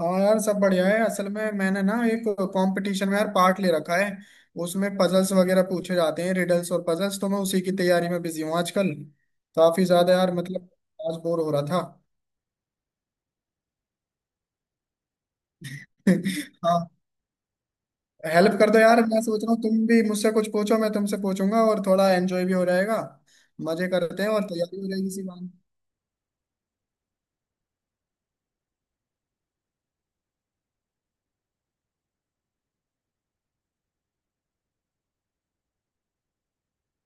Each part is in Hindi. हाँ यार, सब बढ़िया है। असल में मैंने ना एक कंपटीशन में यार पार्ट ले रखा है। उसमें पजल्स वगैरह पूछे जाते हैं, रिडल्स और पजल्स, तो मैं उसी की तैयारी में बिजी हूँ आजकल। काफी ज्यादा यार, मतलब आज बोर हो रहा था। हाँ। हेल्प कर दो यार, मैं सोच रहा हूँ तुम भी मुझसे कुछ पूछो, मैं तुमसे पूछूंगा और थोड़ा एंजॉय भी हो जाएगा। मजे करते हैं और तैयारी हो जाएगी इसी बहाने।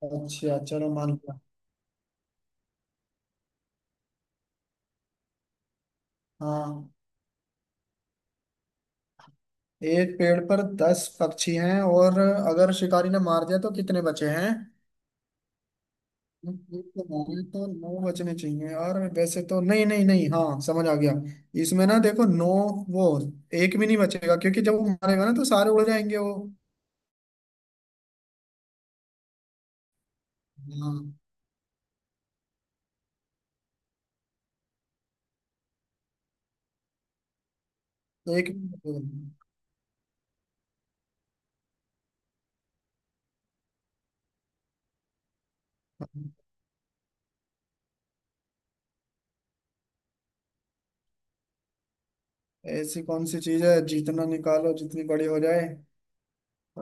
अच्छा चलो, मान लिया। हाँ, एक पेड़ पर 10 पक्षी हैं और अगर शिकारी ने मार दिया तो कितने बचे हैं? ये तो नौ बचने चाहिए यार वैसे तो। नहीं नहीं नहीं, हाँ समझ आ गया। इसमें ना देखो, नौ वो एक भी नहीं बचेगा, क्योंकि जब वो मारेगा ना तो सारे उड़ जाएंगे वो। हाँ, तो एक भी नहीं बचेगा। ऐसी कौन सी चीज है जितना निकालो जितनी बड़ी हो जाए?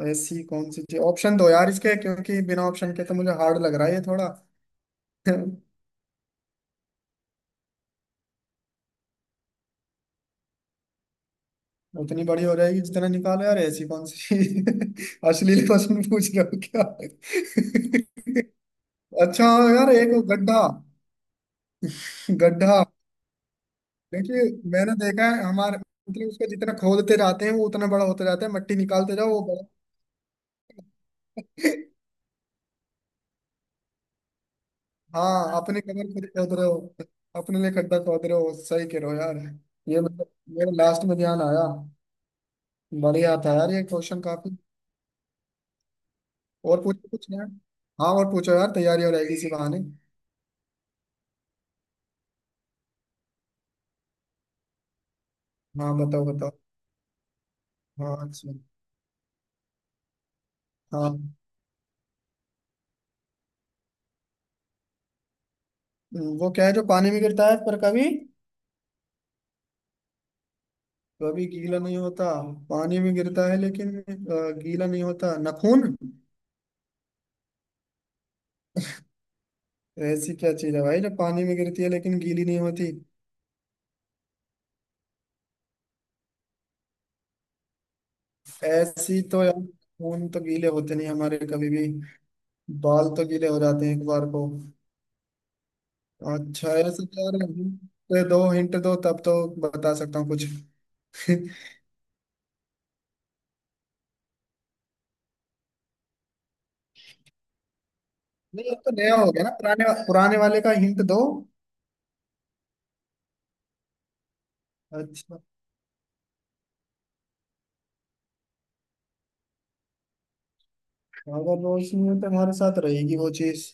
ऐसी कौन सी चीज, ऑप्शन दो यार इसके, क्योंकि बिना ऑप्शन के तो मुझे हार्ड लग रहा है ये थोड़ा। उतनी बड़ी हो जाएगी जितना निकालो, यार ऐसी कौन सी चीज? अश्लील क्वेश्चन पूछ रहे हो क्या? अच्छा यार, एक गड्ढा। गड्ढा देखिए, मैंने देखा है हमारे, मतलब उसको जितना खोदते जाते हैं वो उतना बड़ा होता जाता है, मट्टी निकालते जाओ वो बड़ा। हाँ, अपने कमर खुद खोद रहे हो, अपने लिए खड्डा खोद रहे हो, सही कह रहे हो यार। ये मतलब मेरे लास्ट में ध्यान आया। बढ़िया था यार ये क्वेश्चन काफी। और पूछो कुछ यार। हाँ, और पूछो यार, तैयारी हो जाएगी इसी बहाने। हाँ बताओ बताओ। हाँ, अच्छा। हाँ। वो क्या है जो पानी में गिरता है पर कभी कभी गीला नहीं होता? पानी में गिरता है लेकिन गीला नहीं होता। नाखून? ऐसी क्या चीज है भाई जो पानी में गिरती है लेकिन गीली नहीं होती? ऐसी तो यार, खून तो गीले होते नहीं हमारे कभी भी। बाल तो गीले हो जाते हैं एक बार को। अच्छा, ऐसा तो यार, hint दो, हिंट दो, तब तो बता सकता हूँ कुछ। नहीं, अब तो नया हो गया ना, पुराने पुराने वाले का हिंट दो। अच्छा, अगर रोशनी है तो हमारे साथ रहेगी वो चीज?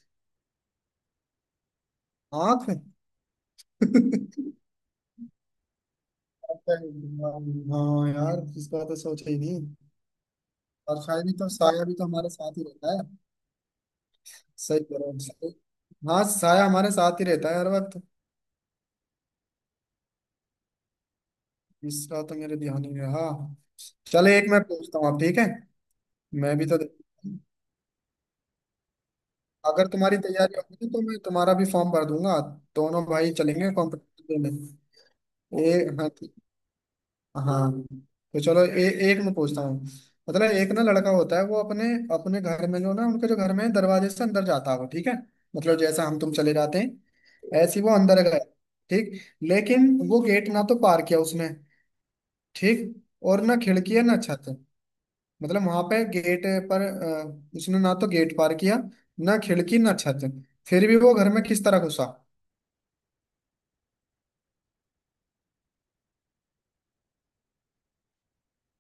आँख? हाँ हाँ, यार इस बात तो सोचा ही नहीं। और साया भी तो, हमारे साथ ही रहता है। सही कह रहे हो, सही। हाँ, साया हमारे साथ ही रहता है हर वक्त। इसका तो मेरे ध्यान ही नहीं रहा। चले, एक मैं पूछता हूँ आप, ठीक है? मैं भी तो देखता हूँ। अगर तुम्हारी तैयारी होगी तो मैं तुम्हारा भी फॉर्म भर दूंगा, दोनों भाई चलेंगे कॉम्पिटिशन में। ए, हाँ। हाँ, तो चलो। एक मैं पूछता हूँ, मतलब एक ना लड़का होता है, वो अपने अपने घर में जो, ना उनके जो घर में है, दरवाजे से अंदर जाता हो, ठीक है? मतलब जैसा हम तुम चले जाते हैं, ऐसे ही वो अंदर गया, ठीक। लेकिन वो गेट ना तो पार किया उसने, ठीक। और ना खिड़की है ना छत। मतलब वहां पे गेट पर उसने ना तो गेट पार किया, ना खिड़की ना छत। फिर भी वो घर में किस तरह घुसा?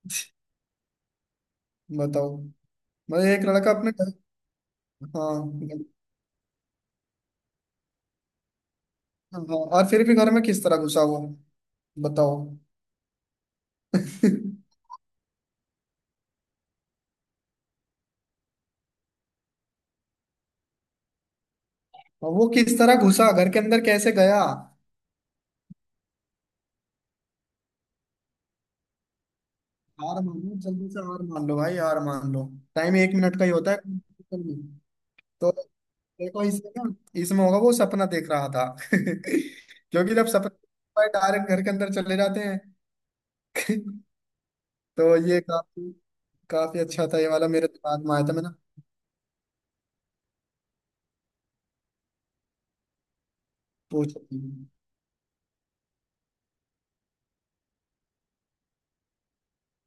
बताओ, मतलब एक लड़का अपने घर। हाँ हाँ, और फिर भी घर में किस तरह घुसा वो? बताओ। और वो किस तरह घुसा घर के अंदर, कैसे गया? हार मान लो जल्दी से, हार मान लो भाई, हार मान लो। टाइम 1 मिनट का ही होता है। तो देखो इसमें ना, इसमें होगा वो सपना देख रहा था, क्योंकि जब सपना डायरेक्ट घर के अंदर चले जाते हैं। तो ये काफी, काफी अच्छा था, ये वाला मेरे दिमाग में आया था। मैंने पूछा,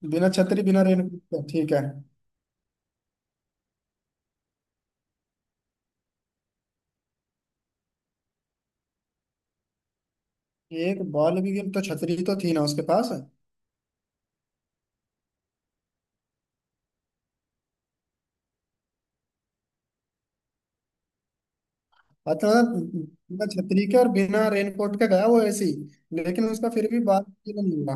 बिना छतरी बिना रेनकोट के, ठीक है। एक बॉल भी गिर, तो छतरी तो थी ना उसके पास? अच्छा, बिना छतरी के और बिना रेनकोट के गया वो ऐसे ही, लेकिन उसका फिर भी बाल गीला नहीं हुआ।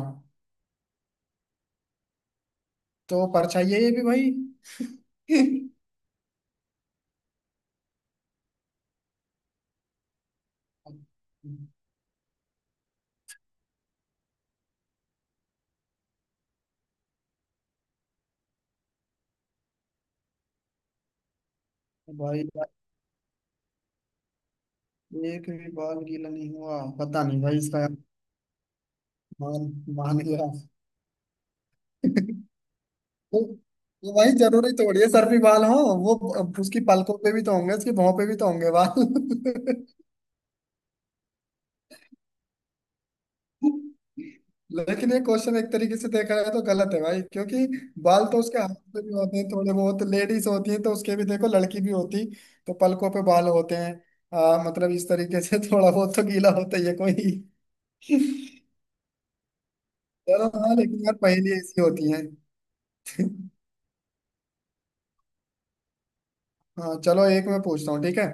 तो परछाई है ये भी भाई। भाई भाई, एक भी बाल गीला नहीं हुआ, पता नहीं भाई इसका। मान मान गया। तो ये भाई जरूरी थोड़ी है सर पे बाल हो, वो उसकी पलकों पे भी तो होंगे, उसकी भौं पे भी तो होंगे बाल। लेकिन ये क्वेश्चन एक तरीके से देखा जाए तो गलत है भाई, क्योंकि बाल तो उसके हाथ पे भी होते हैं थोड़े बहुत, लेडीज होती हैं तो उसके भी देखो, लड़की भी होती तो पलकों पे बाल होते हैं। मतलब इस तरीके से थोड़ा बहुत तो गीला होता ही है कोई। चलो हाँ, लेकिन यार पहेली ऐसी होती है। हाँ चलो, एक मैं पूछता हूँ, ठीक है?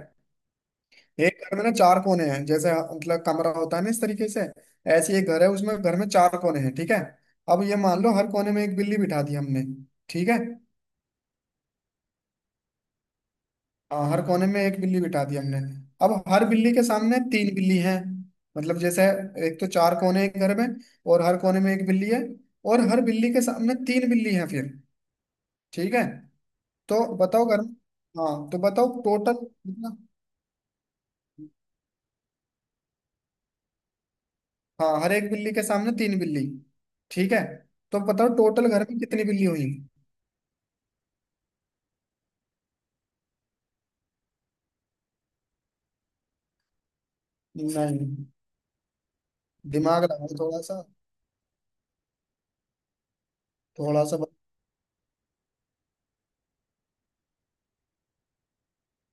एक घर में ना चार कोने हैं, जैसे मतलब कमरा होता है ना, इस तरीके से। ऐसे एक घर है, उसमें घर में चार कोने हैं, ठीक है। अब ये मान लो हर कोने में एक बिल्ली बिठा दी हमने, ठीक है। हाँ, हर कोने में एक बिल्ली बिठा दी हमने। अब हर बिल्ली के सामने तीन बिल्ली हैं, मतलब जैसे, एक तो चार कोने हैं घर में और हर कोने में एक बिल्ली है, और हर बिल्ली के सामने तीन बिल्ली हैं फिर, ठीक है। तो बताओ घर में, हाँ, तो बताओ टोटल कितना? हाँ, हर एक बिल्ली के सामने तीन बिल्ली, ठीक है। तो बताओ टोटल घर में कितनी बिल्ली हुई? नहीं, दिमाग लगाओ थोड़ा सा। थोड़ा सा बत-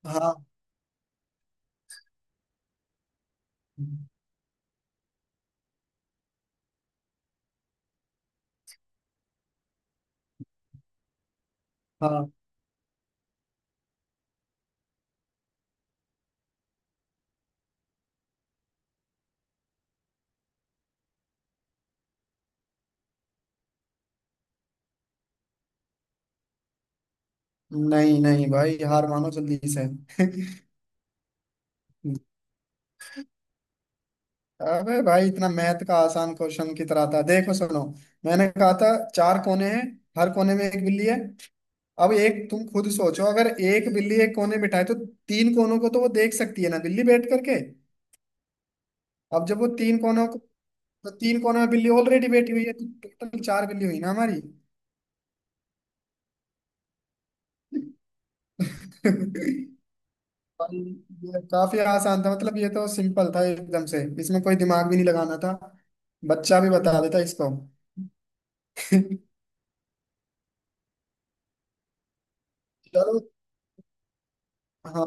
हाँ हाँ। नहीं नहीं भाई, हार मानो जल्दी से। अबे भाई, इतना मैथ का आसान क्वेश्चन की तरह था, देखो सुनो। मैंने कहा था, चार कोने हैं, हर कोने में एक बिल्ली है। अब एक तुम खुद सोचो, अगर एक बिल्ली एक कोने बिठाए तो तीन कोनों को तो वो देख सकती है ना बिल्ली बैठ करके। अब जब वो तीन कोनों को, तो तीन कोनों में बिल्ली ऑलरेडी बैठी हुई है, तो टोटल चार बिल्ली हुई ना हमारी। भाई ये काफी आसान था, मतलब ये तो सिंपल था एकदम से, इसमें कोई दिमाग भी नहीं लगाना था, बच्चा भी बता देता इसको। चलो हाँ,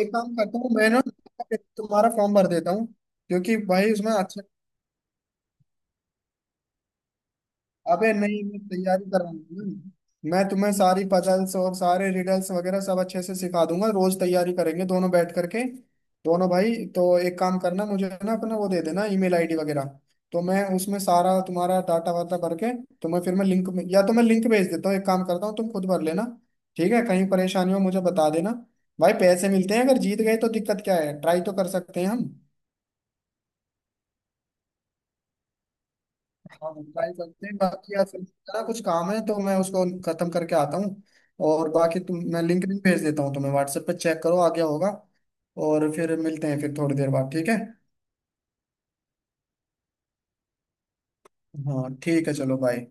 एक काम करता हूँ मैं ना, तुम्हारा फॉर्म भर देता हूँ, क्योंकि भाई उसमें अच्छा। अबे नहीं, मैं तैयारी कर रहा हूँ, मैं तुम्हें सारी पजल्स और सारे रिडल्स वगैरह सब अच्छे से सिखा दूंगा, रोज तैयारी करेंगे दोनों बैठ करके, दोनों भाई। तो एक काम करना, मुझे ना अपना वो दे देना, ईमेल आईडी वगैरह, तो मैं उसमें सारा तुम्हारा डाटा वाटा भर के तुम्हें फिर, मैं लिंक में, या तो मैं लिंक भेज देता हूँ, एक काम करता हूँ, तुम खुद भर लेना, ठीक है? कहीं परेशानी हो मुझे बता देना। भाई पैसे मिलते हैं अगर जीत गए तो, दिक्कत क्या है, ट्राई तो कर सकते हैं हम। हाँ, ट्राई करते हैं। बाकी यार, फिर मेरा कुछ काम है तो मैं उसको खत्म करके आता हूँ। और बाकी तुम, मैं लिंक भी भेज देता हूँ तुम्हें व्हाट्सएप पे, चेक करो आ गया होगा। और फिर मिलते हैं फिर थोड़ी देर बाद, ठीक है? हाँ, ठीक है, चलो बाय।